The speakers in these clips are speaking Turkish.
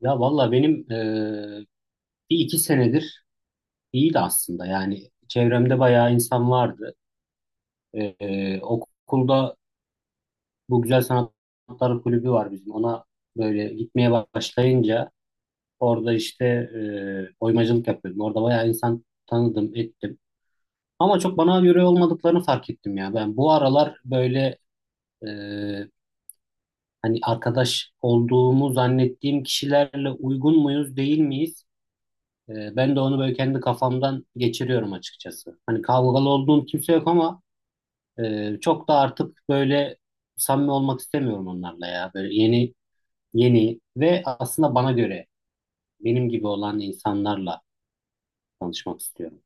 Ya valla benim bir iki senedir iyiydi aslında. Yani çevremde bayağı insan vardı. Okulda bu Güzel Sanatlar Kulübü var bizim. Ona böyle gitmeye başlayınca orada işte oymacılık yapıyordum. Orada bayağı insan tanıdım, ettim. Ama çok bana göre olmadıklarını fark ettim ya. Ben bu aralar böyle e, hani arkadaş olduğumu zannettiğim kişilerle uygun muyuz, değil miyiz? Ben de onu böyle kendi kafamdan geçiriyorum açıkçası. Hani kavgalı olduğum kimse yok ama çok da artık böyle samimi olmak istemiyorum onlarla ya. Böyle yeni yeni ve aslında bana göre benim gibi olan insanlarla tanışmak istiyorum.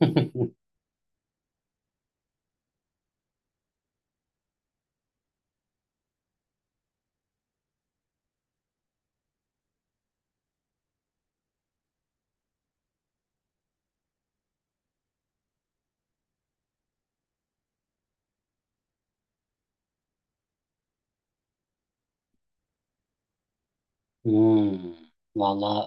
Hmm, valla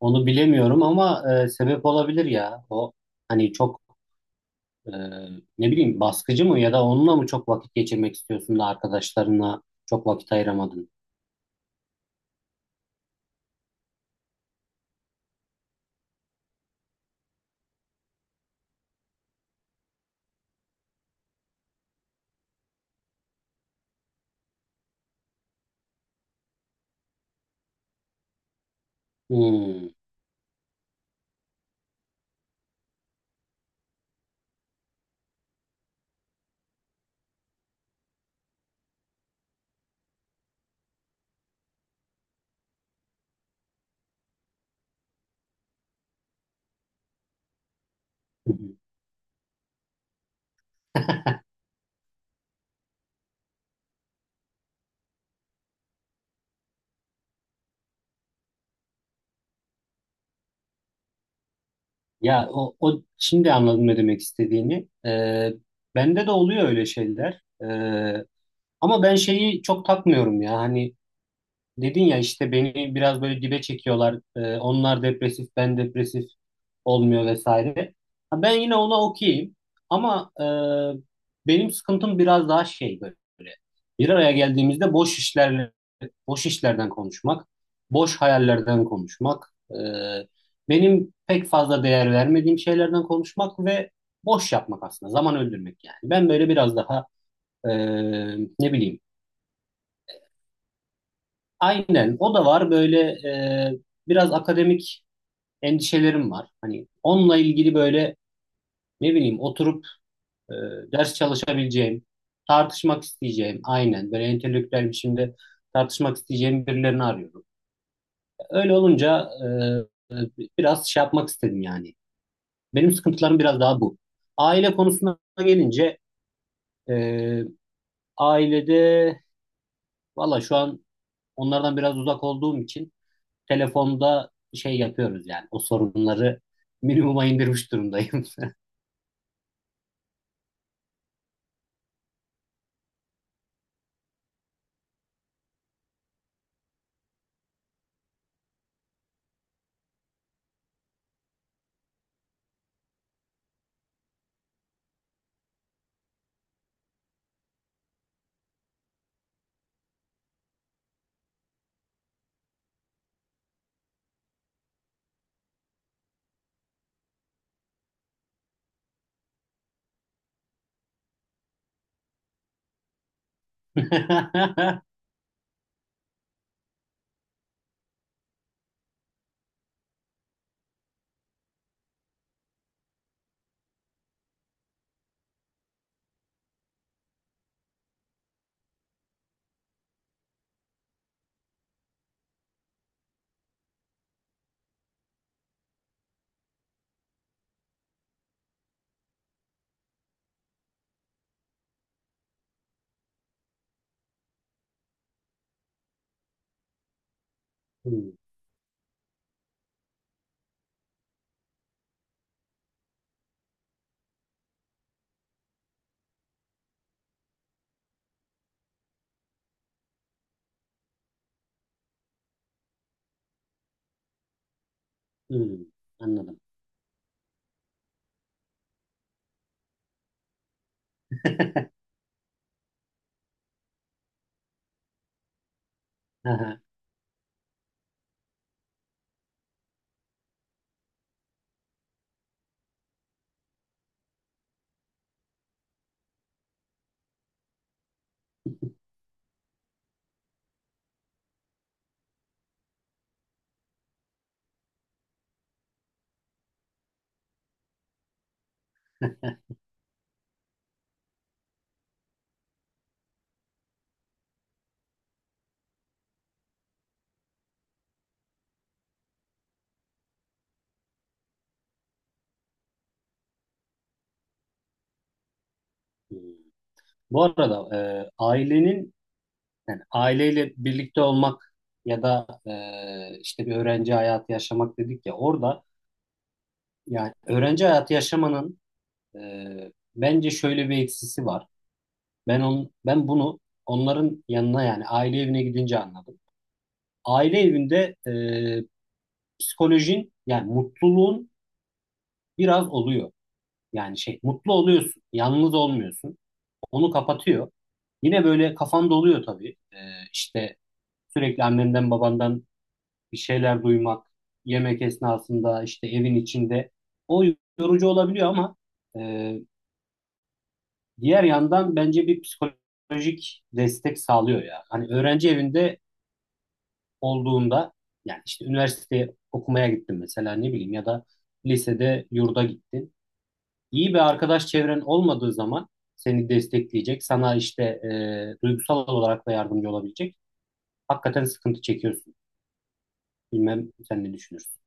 onu bilemiyorum ama sebep olabilir ya. O hani çok e, ne bileyim baskıcı mı ya da onunla mı çok vakit geçirmek istiyorsun da arkadaşlarına çok vakit ayıramadın? Hmm. Ya o, o şimdi anladım ne demek istediğini. Bende de oluyor öyle şeyler. Ama ben şeyi çok takmıyorum ya. Hani dedin ya işte beni biraz böyle dibe çekiyorlar. Onlar depresif, ben depresif olmuyor vesaire. Ha, ben yine ona okeyim. Ama benim sıkıntım biraz daha şey böyle. Bir araya geldiğimizde boş işlerle, boş işlerden konuşmak, boş hayallerden konuşmak, benim pek fazla değer vermediğim şeylerden konuşmak ve boş yapmak aslında. Zaman öldürmek yani. Ben böyle biraz daha e, ne bileyim. Aynen o da var böyle e, biraz akademik endişelerim var. Hani onunla ilgili böyle ne bileyim oturup e, ders çalışabileceğim, tartışmak isteyeceğim aynen böyle entelektüel biçimde tartışmak isteyeceğim birilerini arıyorum. Öyle olunca e, e, biraz şey yapmak istedim yani. Benim sıkıntılarım biraz daha bu. Aile konusuna gelince e, ailede valla şu an onlardan biraz uzak olduğum için telefonda şey yapıyoruz yani. O sorunları minimuma indirmiş durumdayım. Hmm, hmm, anladım. Aha. Hmm. Bu arada ailenin yani aileyle birlikte olmak ya da işte bir öğrenci hayatı yaşamak dedik ya orada yani öğrenci hayatı yaşamanın bence şöyle bir eksisi var. Ben on, ben bunu onların yanına yani aile evine gidince anladım. Aile evinde psikolojin yani mutluluğun biraz oluyor. Yani şey mutlu oluyorsun. Yalnız olmuyorsun. Onu kapatıyor. Yine böyle kafan doluyor tabii. İşte sürekli annenden babandan bir şeyler duymak, yemek esnasında işte evin içinde o yorucu olabiliyor ama e, diğer yandan bence bir psikolojik destek sağlıyor ya. Hani öğrenci evinde olduğunda yani işte üniversiteye okumaya gittin mesela ne bileyim ya da lisede yurda gittin. İyi bir arkadaş çevren olmadığı zaman seni destekleyecek, sana işte duygusal olarak da yardımcı olabilecek. Hakikaten sıkıntı çekiyorsun. Bilmem sen ne düşünürsün.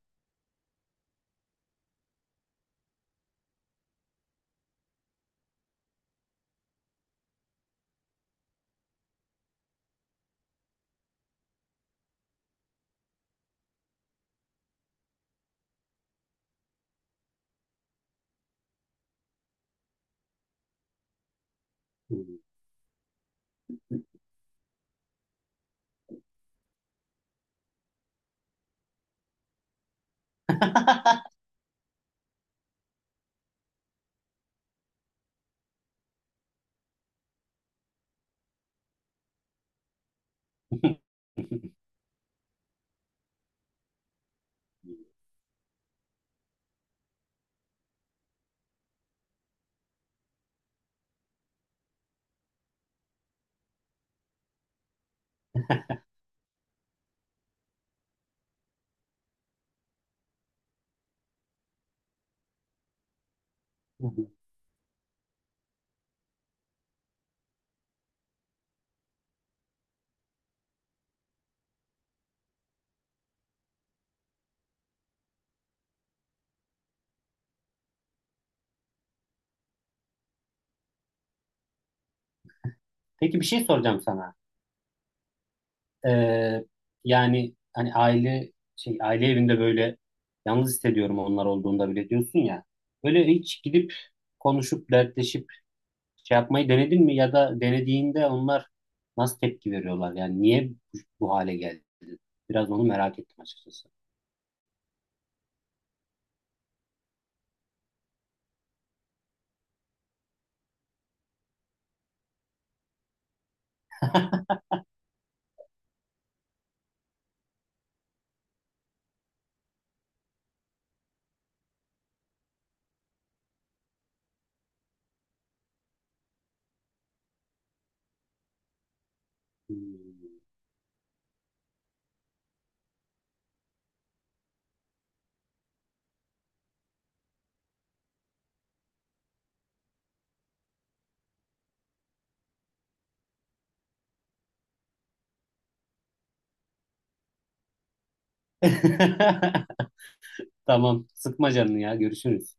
Peki bir şey soracağım sana. Ee, Yani hani aile şey aile evinde böyle yalnız hissediyorum onlar olduğunda bile diyorsun ya. Böyle hiç gidip konuşup dertleşip şey yapmayı denedin mi ya da denediğinde onlar nasıl tepki veriyorlar? Yani niye bu, bu hale geldi? Biraz onu merak ettim açıkçası. Hmm. Tamam, sıkma canını ya. Görüşürüz.